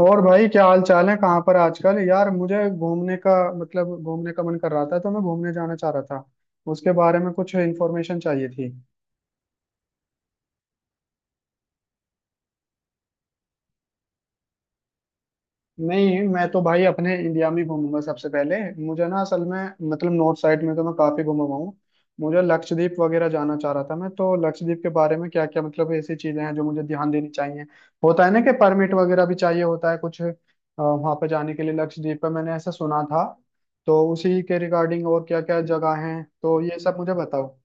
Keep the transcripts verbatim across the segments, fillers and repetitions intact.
और भाई क्या हाल चाल है। कहाँ पर आजकल यार मुझे घूमने का मतलब घूमने का मन कर रहा था तो मैं घूमने जाना चाह रहा था। उसके बारे में कुछ इन्फॉर्मेशन चाहिए थी। नहीं मैं तो भाई अपने इंडिया में ही घूमूंगा सबसे पहले। मुझे ना असल में मतलब नॉर्थ साइड में तो मैं काफी घूमा हुआ हूँ। मुझे लक्षद्वीप वगैरह जाना चाह रहा था मैं। तो लक्षद्वीप के बारे में क्या क्या मतलब ऐसी चीजें हैं जो मुझे ध्यान देनी चाहिए। होता है ना कि परमिट वगैरह भी चाहिए होता है कुछ वहां पर जाने के लिए लक्षद्वीप पर, मैंने ऐसा सुना था। तो उसी के रिगार्डिंग और क्या क्या जगह हैं, तो ये सब मुझे बताओ।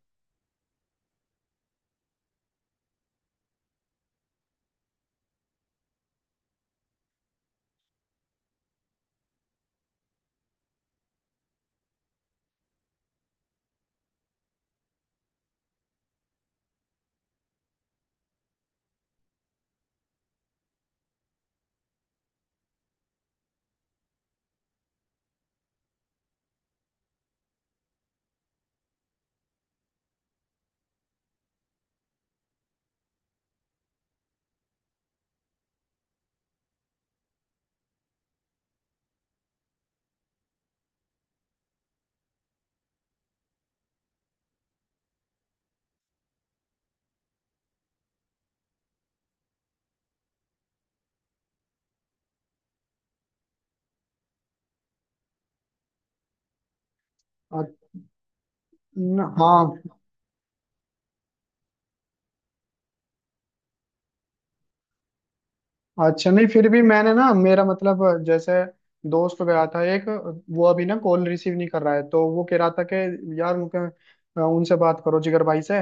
अ, न- हाँ। अच्छा, नहीं फिर भी मैंने ना, मेरा मतलब जैसे दोस्त गया था एक। वो अभी ना कॉल रिसीव नहीं कर रहा है, तो वो कह रहा था कि यार उनके उनसे बात करो जिगर भाई से।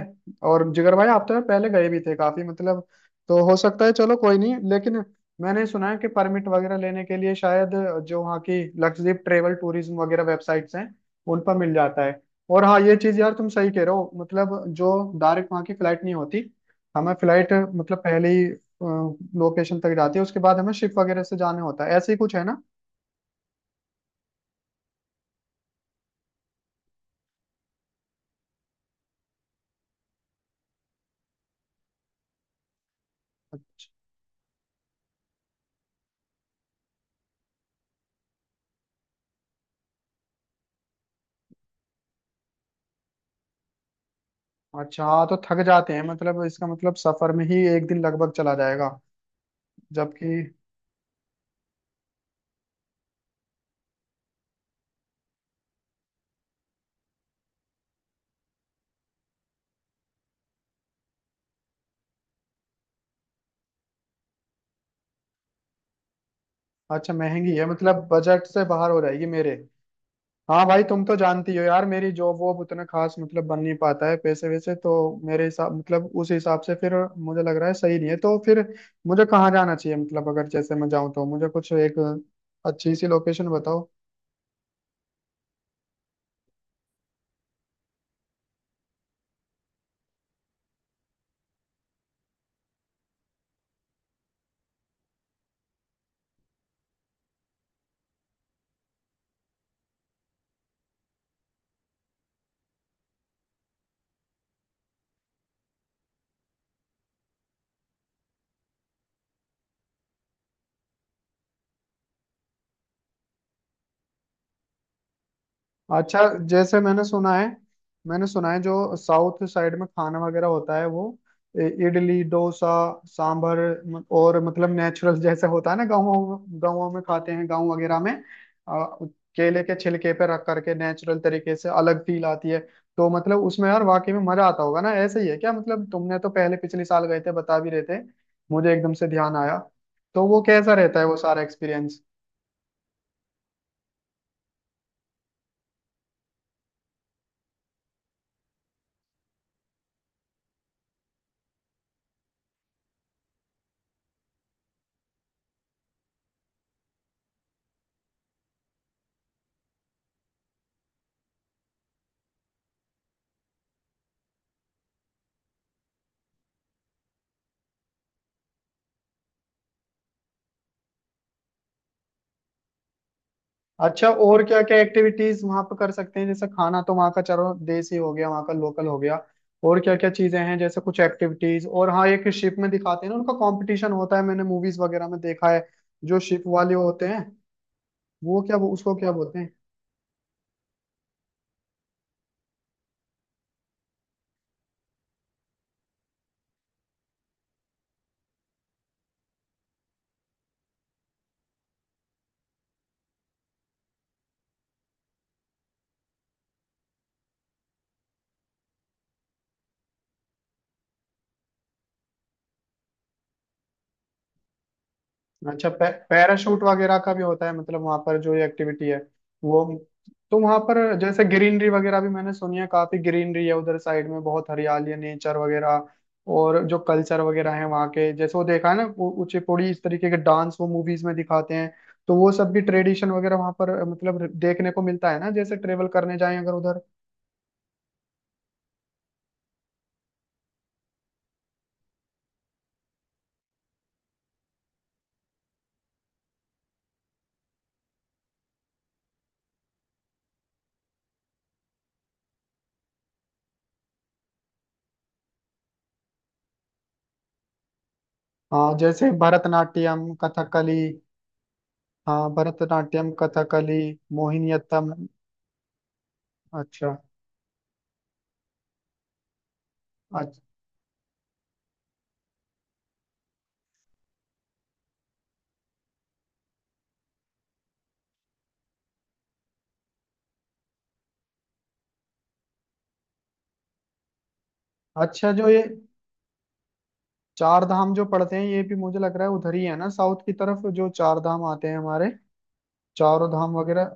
और जिगर भाई आप तो यार पहले गए भी थे काफी मतलब। तो हो सकता है, चलो कोई नहीं। लेकिन मैंने सुना है कि परमिट वगैरह लेने के लिए शायद जो वहाँ की लक्षद्वीप ट्रेवल टूरिज्म वगैरह वेबसाइट्स हैं उन पर मिल जाता है। और हाँ ये चीज़ यार तुम सही कह रहे हो। मतलब जो डायरेक्ट वहाँ की फ्लाइट नहीं होती, हमें फ्लाइट मतलब पहले ही लोकेशन तक जाती है, उसके बाद हमें शिप वगैरह से जाने होता है। ऐसे ही कुछ है ना। अच्छा हाँ तो थक जाते हैं मतलब। इसका मतलब सफर में ही एक दिन लगभग चला जाएगा जबकि। अच्छा, महंगी है मतलब बजट से बाहर हो जाएगी मेरे। हाँ भाई तुम तो जानती हो यार, मेरी जॉब वॉब उतना खास मतलब बन नहीं पाता है, पैसे वैसे तो मेरे हिसाब मतलब उस हिसाब से फिर मुझे लग रहा है सही नहीं है। तो फिर मुझे कहाँ जाना चाहिए मतलब, अगर जैसे मैं जाऊँ तो मुझे कुछ एक अच्छी सी लोकेशन बताओ। अच्छा जैसे मैंने सुना है मैंने सुना है जो साउथ साइड में खाना वगैरह होता है वो इ- इडली डोसा सांभर, म- और मतलब नेचुरल जैसे होता है ना गाँवों गाँवों में खाते हैं गाँव वगैरह में। अ, केले के छिलके पे रख करके नेचुरल तरीके से अलग फील आती है। तो मतलब उसमें यार वाकई में मजा आता होगा ना। ऐसे ही है क्या मतलब? तुमने तो पहले पिछले साल गए थे बता भी रहे थे, मुझे एकदम से ध्यान आया। तो वो कैसा रहता है वो सारा एक्सपीरियंस? अच्छा, और क्या क्या एक्टिविटीज वहां पर कर सकते हैं? जैसे खाना तो वहां का चलो देसी हो गया वहां का लोकल हो गया, और क्या क्या चीजें हैं जैसे कुछ एक्टिविटीज? और हाँ, एक शिप में दिखाते हैं ना उनका कंपटीशन होता है, मैंने मूवीज वगैरह में देखा है, जो शिप वाले होते हैं वो क्या, उसको क्या बोलते हैं? अच्छा, पै, पैराशूट वगैरह का भी होता है मतलब वहां पर जो ये एक्टिविटी है वो। तो वहां पर जैसे ग्रीनरी वगैरह भी मैंने सुनी है, काफी ग्रीनरी है उधर साइड में, बहुत हरियाली है नेचर वगैरह। और जो कल्चर वगैरह है वहाँ के, जैसे वो देखा है ना वो कुचिपुड़ी इस तरीके के डांस, वो मूवीज में दिखाते हैं, तो वो सब भी ट्रेडिशन वगैरह वहां पर मतलब देखने को मिलता है ना, जैसे ट्रेवल करने जाएं अगर उधर। हाँ जैसे भरतनाट्यम कथकली। हाँ भरतनाट्यम कथकली मोहिनीअट्टम। अच्छा। अच्छा। अच्छा, जो ये चार धाम जो पड़ते हैं ये भी मुझे लग रहा है उधर ही है ना, साउथ की तरफ जो चार धाम आते हैं हमारे, चारों धाम वगैरह।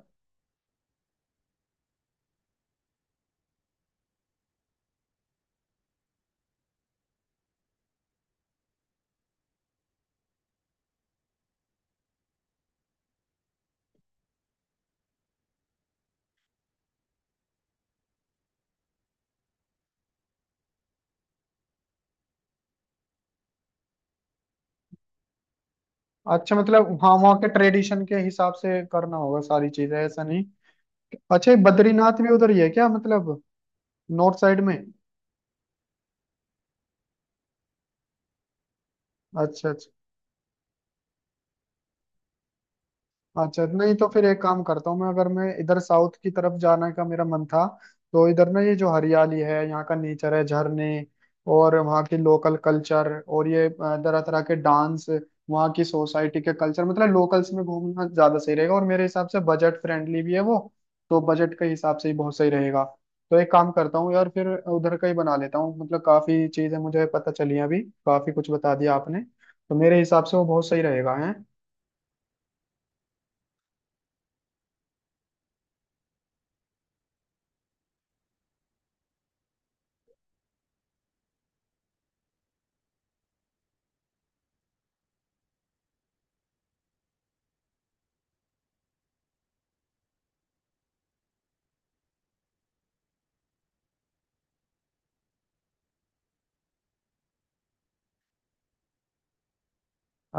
अच्छा, मतलब वहाँ वहाँ के ट्रेडिशन के हिसाब से करना होगा सारी चीजें, ऐसा नहीं? अच्छा, ये बद्रीनाथ भी उधर ही है क्या मतलब, नॉर्थ साइड में? अच्छा अच्छा अच्छा नहीं, तो फिर एक काम करता हूँ मैं, अगर मैं इधर साउथ की तरफ जाने का मेरा मन था तो इधर ना ये जो हरियाली है, यहाँ का नेचर है, झरने, और वहाँ की लोकल कल्चर और ये तरह तरह के डांस, वहाँ की सोसाइटी के कल्चर मतलब लोकल्स में घूमना ज्यादा सही रहेगा, और मेरे हिसाब से बजट फ्रेंडली भी है वो, तो बजट के हिसाब से ही बहुत सही रहेगा। तो एक काम करता हूँ यार फिर उधर का ही बना लेता हूँ। मतलब काफी चीजें मुझे पता चली हैं, अभी काफी कुछ बता दिया आपने, तो मेरे हिसाब से वो बहुत सही रहेगा है।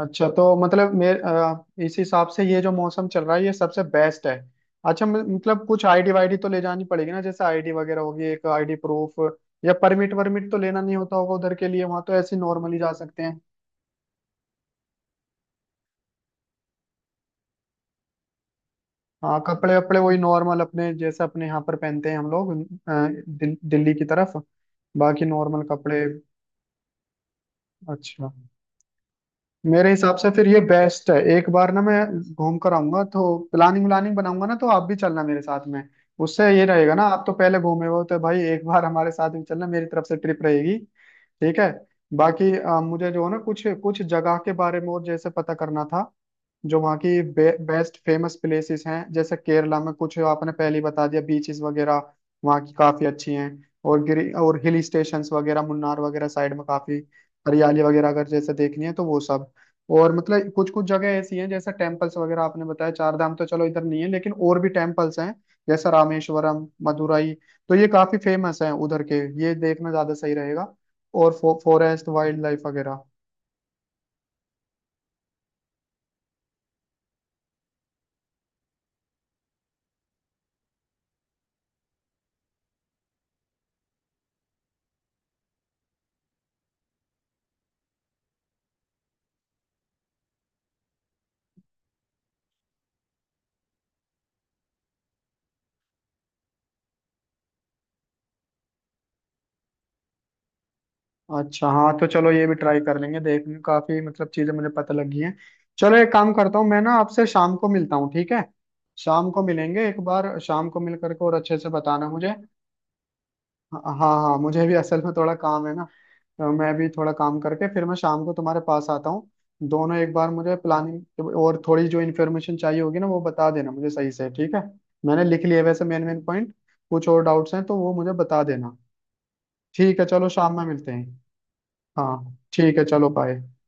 अच्छा तो मतलब मेरे अ, इस हिसाब से ये जो मौसम चल रहा है ये सबसे बेस्ट है। अच्छा, म- मतलब कुछ आईडी वाईडी तो ले जानी पड़ेगी ना, जैसे आईडी वगैरह होगी एक आईडी प्रूफ, या परमिट वर्मिट तो लेना नहीं होता होगा उधर के लिए, वहां तो ऐसे नॉर्मली जा सकते हैं। हाँ कपड़े वपड़े वही नॉर्मल अपने, जैसे अपने यहाँ पर पहनते हैं हम लोग अ, दिल, दिल्ली की तरफ, बाकी नॉर्मल कपड़े। अच्छा, मेरे हिसाब से फिर ये बेस्ट है। एक बार ना मैं घूम कर आऊंगा तो प्लानिंग व्लानिंग बनाऊंगा ना, तो आप भी चलना मेरे साथ में। उससे ये रहेगा ना, आप तो पहले घूमे हो तो भाई एक बार हमारे साथ भी चलना, मेरी तरफ से ट्रिप रहेगी, ठीक है? बाकी अ, मुझे जो है ना कुछ कुछ जगह के बारे में और जैसे पता करना था, जो वहाँ की बे, बेस्ट फेमस प्लेसेस हैं। जैसे केरला में कुछ आपने पहले ही बता दिया, बीचेस वगैरह वहाँ की काफी अच्छी हैं, और गिरी और हिल स्टेशंस वगैरह मुन्नार वगैरह साइड में काफी हरियाली वगैरह अगर जैसे देखनी है, तो वो सब। और मतलब कुछ कुछ जगह ऐसी हैं जैसे टेम्पल्स वगैरह, आपने बताया चार धाम तो चलो इधर नहीं है, लेकिन और भी टेम्पल्स हैं जैसा रामेश्वरम मदुराई, तो ये काफी फेमस हैं उधर के, ये देखना ज्यादा सही रहेगा। और फो, फॉरेस्ट वाइल्ड लाइफ वगैरह। अच्छा हाँ, तो चलो ये भी ट्राई कर लेंगे देखने। काफी मतलब चीजें मुझे पता लगी हैं। चलो एक काम करता हूँ मैं ना, आपसे शाम को मिलता हूँ, ठीक है? शाम को मिलेंगे, एक बार शाम को मिल करके और अच्छे से बताना मुझे। हाँ हाँ हाँ, मुझे भी असल में थोड़ा काम है ना, तो मैं भी थोड़ा काम करके फिर मैं शाम को तुम्हारे पास आता हूँ। दोनों एक बार मुझे प्लानिंग और थोड़ी जो इन्फॉर्मेशन चाहिए होगी ना वो बता देना मुझे सही से, ठीक है? मैंने लिख लिए वैसे मेन मेन पॉइंट, कुछ और डाउट्स हैं तो वो मुझे बता देना। ठीक है चलो, शाम में मिलते हैं। हाँ ठीक है, चलो बाय।